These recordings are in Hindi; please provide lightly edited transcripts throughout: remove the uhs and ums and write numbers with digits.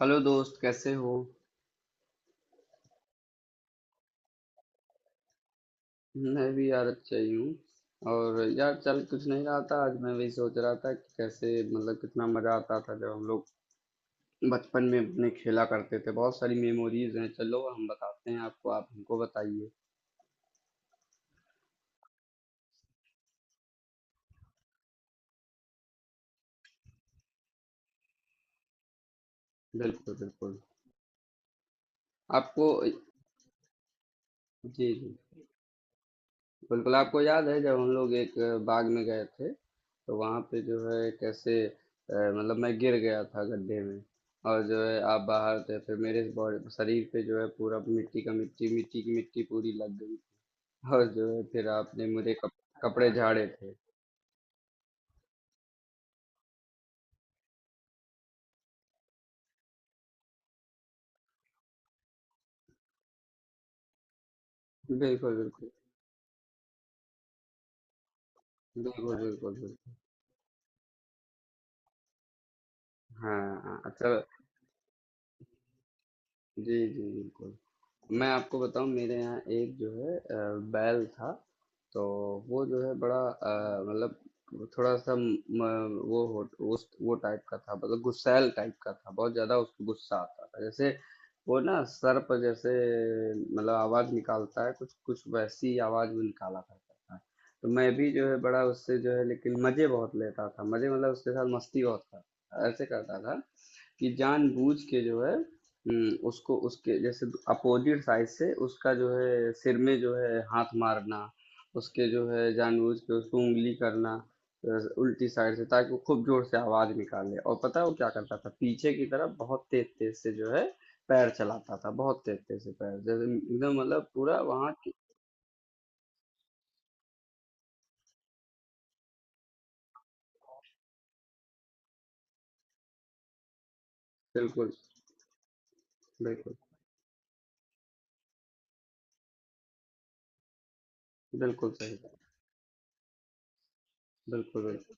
हेलो दोस्त, कैसे हो? मैं भी यार अच्छा ही हूँ। और यार, चल कुछ नहीं रहा था। आज मैं वही सोच रहा था कि कैसे, मतलब कितना मजा आता था जब हम लोग बचपन में अपने खेला करते थे। बहुत सारी मेमोरीज हैं। चलो, हम बताते हैं आपको, आप हमको बताइए। बिल्कुल, बिल्कुल। आपको। जी, जी। बिल्कुल, आपको याद है जब हम लोग एक बाग में गए थे, तो वहाँ पे जो है कैसे, मतलब मैं गिर गया था गड्ढे में। और जो है आप बाहर थे, फिर मेरे बॉडी, शरीर पे जो है पूरा मिट्टी का, मिट्टी मिट्टी की मिट्टी पूरी लग गई। और जो है फिर आपने मुझे कपड़े झाड़े थे। बिल्कुल, बिल्कुल, बिल्कुल, बिल्कुल, बिल्कुल। हाँ, हाँ, अच्छा, जी, जी, बिल्कुल। मैं आपको बताऊं, मेरे यहाँ एक जो है बैल था। तो वो जो है बड़ा मतलब थोड़ा सा म, म- वो हो, उस वो टाइप का था, मतलब गुस्सैल टाइप का था। बहुत ज्यादा उसको गुस्सा आता था। जैसे वो ना सर पर जैसे, मतलब आवाज निकालता है, कुछ कुछ वैसी आवाज वो निकाला करता था। तो मैं भी जो है बड़ा उससे जो है, लेकिन मजे बहुत लेता था, मजे मतलब उसके साथ मस्ती बहुत करता था। ऐसे करता था कि जानबूझ के जो है, उसको उसके जैसे अपोज़िट साइड से उसका जो है सिर में जो है हाथ मारना, उसके जो है जानबूझ के उसको उँगली करना, अ, उल्टी साइड से, ताकि वो खूब ज़ोर से आवाज़ निकाले। और पता है वो क्या करता था? पीछे की तरफ बहुत तेज़-तेज़ से जो है पैर चलाता था, बहुत तेज़-तेज़ से पैर, जैसे एकदम मतलब पूरा वहाँ की। बिल्कुल, बिल्कुल, बिल्कुल सही, बिल्कुल, बिल्कुल,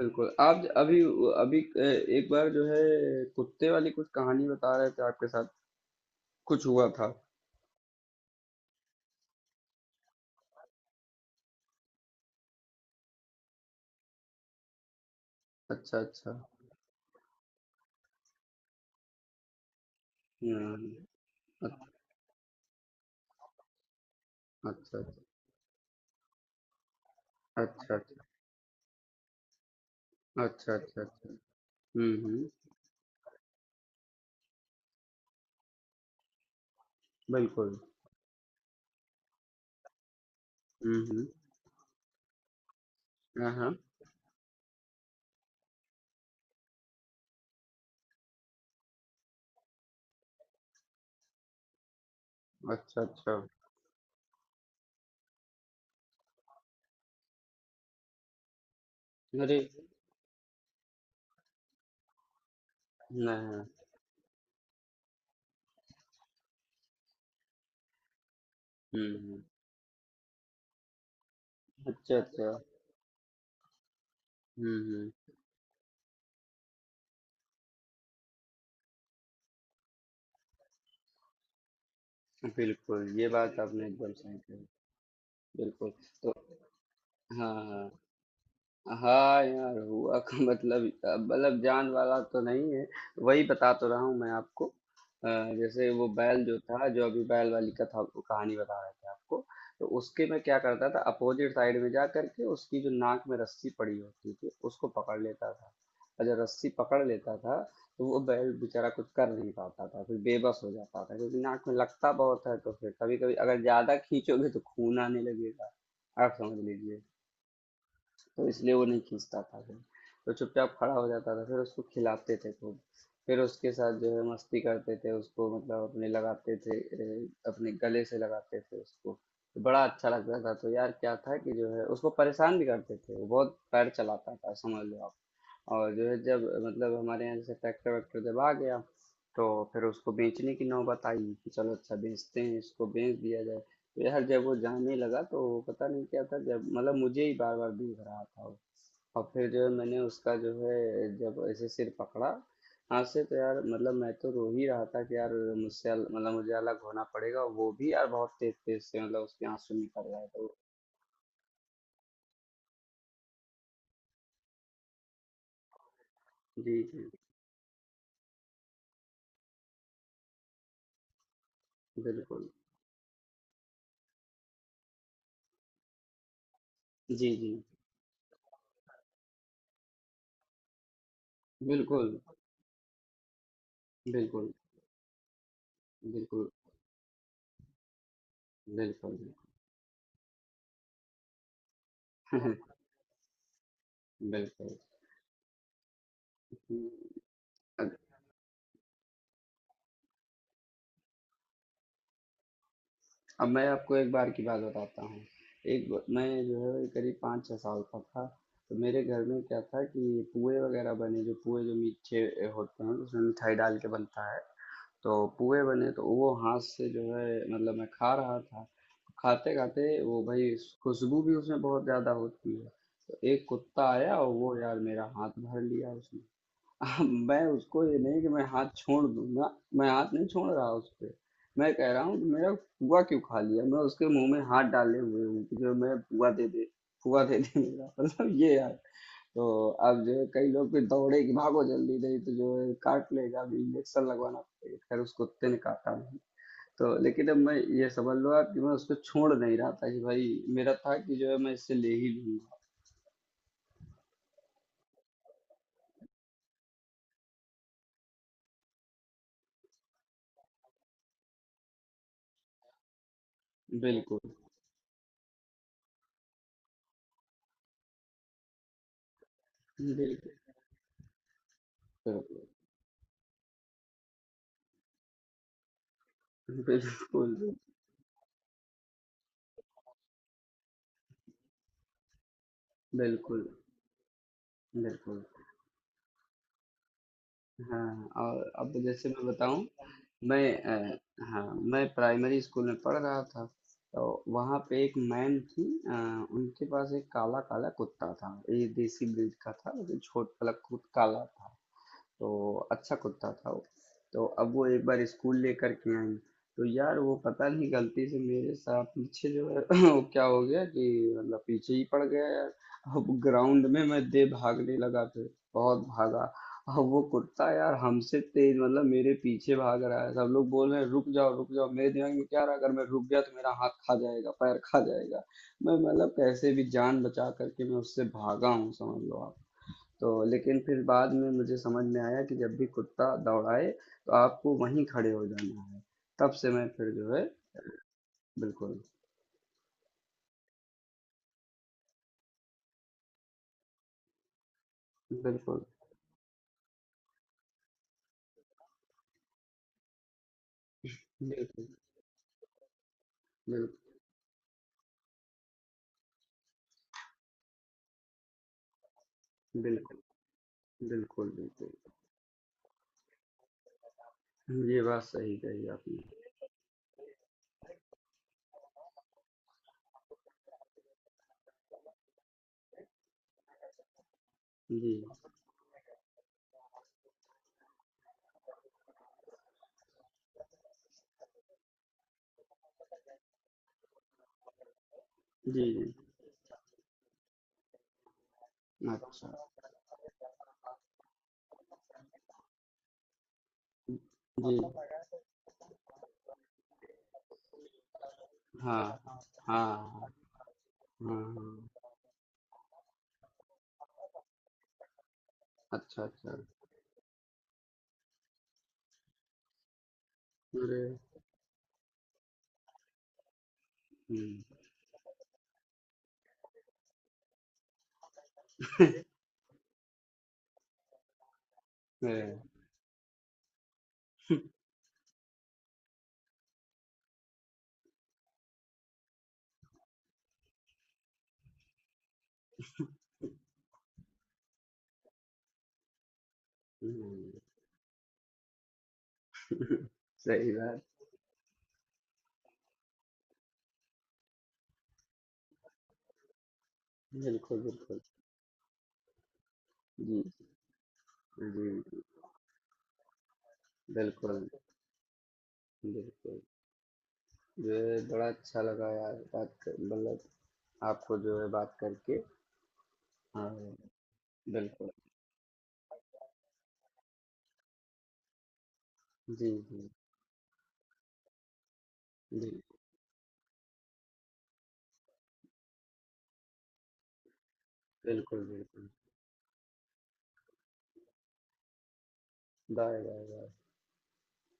बिल्कुल। आप ज अभी व अभी अ, एक बार जो है कुत्ते वाली कुछ कहानी बता रहे थे आपके साथ, कुछ हुआ था। अच्छा, अच्छा। हुँ, अच्छा, अच्छा, अच्छा, अच्छा, अच्छा, अच्छा, अच्छा। हुँ, हुँ, बिल्कुल। हुँ, हुँ। हाँ, हाँ। अच्छा, अच्छा। अरे! हाँ, हाँ। हुँ, हुँ। अच्छा, अच्छा। हुँ, हुँ। बिल्कुल, ये बात आपने एकदम सही कही। बिल्कुल, तो हाँ, हाँ। हाँ यार, हुआ का मतलब जान वाला तो नहीं है। वही बता तो रहा हूँ मैं आपको। अ, जैसे वो बैल जो था, जो अभी बैल वाली कथा कहानी बता रहे थे आपको। तो उसके मैं क्या करता था, अपोजिट साइड में जा करके उसकी जो नाक में रस्सी पड़ी होती थी उसको पकड़ लेता था। और जब रस्सी पकड़ लेता था, तो वो बैल बेचारा कुछ कर नहीं पाता था, फिर बेबस हो जाता था, क्योंकि नाक में लगता बहुत है। तो फिर कभी कभी अगर ज्यादा खींचोगे तो खून आने लगेगा, आप समझ लीजिए। तो इसलिए वो नहीं खींचता था फिर। तो चुपचाप खड़ा हो जाता था, फिर उसको खिलाते थे खूब। फिर उसके साथ जो है मस्ती करते थे, उसको मतलब अपने लगाते थे, अपने गले से लगाते थे उसको। तो बड़ा अच्छा लगता था। तो यार क्या था कि जो है उसको परेशान भी करते थे, वो बहुत पैर चलाता था, समझ लो आप। और जो है जब मतलब हमारे यहाँ जैसे ट्रैक्टर वैक्टर जब आ गया, तो फिर उसको बेचने की नौबत आई कि चलो अच्छा बेचते हैं, इसको बेच दिया जाए। तो यार जब वो जाने लगा तो पता नहीं क्या था, जब मतलब मुझे ही बार बार देख रहा था वो। और फिर जो है मैंने उसका जो है जब ऐसे सिर पकड़ा हाथ से, तो यार मतलब मैं तो रो ही रहा था कि यार मुझसे मतलब मुझे अलग होना पड़ेगा। वो भी यार बहुत तेज तेज से, मतलब उसके आंसू निकल रहे थे। जी, जी, बिल्कुल, जी, जी, बिल्कुल, बिल्कुल, बिल्कुल, बिल्कुल, बिल्कुल। बिल्कुल। हुँ, अब अब मैं आपको एक बार की बात बताता हूँ। एक ब मैं जो है करीब 5-6 साल का था। तो मेरे घर में क्या था कि पुए वग़ैरह बने, जो पुए जो मीठे होते हैं, जिसमें मिठाई डाल के बनता है। तो पुए बने, तो वो हाथ से जो है मतलब मैं खा रहा था। खाते-खाते वो भई खुशबू भी उसमें बहुत ज़्यादा होती है, तो एक कुत्ता आया और वो यार मेरा हाथ भर लिया उसने। अब मैं उसको ये नहीं कि मैं हाथ छोड़ दूंगा, मैं हाथ नहीं छोड़ रहा उस पे। मैं कह रहा हूँ कि मेरा फुआ क्यों खा लिया, मैं उसके मुंह में हाथ डाले हुए हूँ कि जो मैं फुआ दे दे, फुआ दे दे मेरा मतलब ये यार। तो अब जो है कई लोग फिर दौड़े कि भागो जल्दी, नहीं तो जो है काट लेगा, अभी इंजेक्शन लगवाना पड़ेगा। खैर, उस कुत्ते ने काटा नहीं। तो लेकिन अब मैं, ये समझ लो आप कि मैं उसको छोड़ नहीं रहा था, कि भाई मेरा था कि जो है मैं इससे ले ही लूंगा। बिल्कुल, बिल्कुल, बिल्कुल, बिल्कुल, बिल्कुल, हाँ। और अब जैसे मैं बताऊँ, मैं हाँ, मैं प्राइमरी स्कूल में पढ़ रहा था। तो वहाँ पे एक मैम थी, अ, उनके पास एक काला-काला कुत्ता था। ये देसी ब्रीड का था, लेकिन छोट वाला कुत काला था। तो अच्छा कुत्ता था वो। तो अब वो एक बार स्कूल लेकर के आई। तो यार वो पता नहीं गलती से मेरे साथ पीछे जो है वो क्या हो गया कि मतलब पीछे ही पड़ गया यार। अब ग्राउंड में मैं दे भागने लगा फिर, बहुत भागा। अब वो कुत्ता यार हमसे तेज, मतलब मेरे पीछे भाग रहा है। सब लोग बोल रहे हैं रुक जाओ, रुक जाओ, मेरे दिमाग में क्या रहा, अगर मैं रुक गया तो मेरा हाथ खा जाएगा, पैर खा जाएगा। मैं मतलब कैसे भी जान बचा करके मैं उससे भागा हूँ, समझ लो आप। तो लेकिन फिर बाद में मुझे समझ में आया कि जब भी कुत्ता दौड़ाए, तो आपको वहीं खड़े हो जाना है। तब से मैं फिर जो है, बिल्कुल, बिल्कुल, बिल्कुल, बिल्कुल, बिल्कुल, बिल्कुल, बिल्कुल। ये बात सही कही आपने। जी, जी, जी, अच्छा, जी, हाँ, हाँ, हाँ, हाँ, अच्छा, अच्छा, अरे, हम्म, अरे, हम्म, सही बात, बिल्कुल, बिल्कुल, जी, जी, बिल्कुल, बिल्कुल। ये बड़ा अच्छा लगा यार बात कर, मतलब आपको जो है बात करके। हाँ, बिल्कुल, जी, जी, जी, बिल्कुल, बिल्कुल। Bye, bye.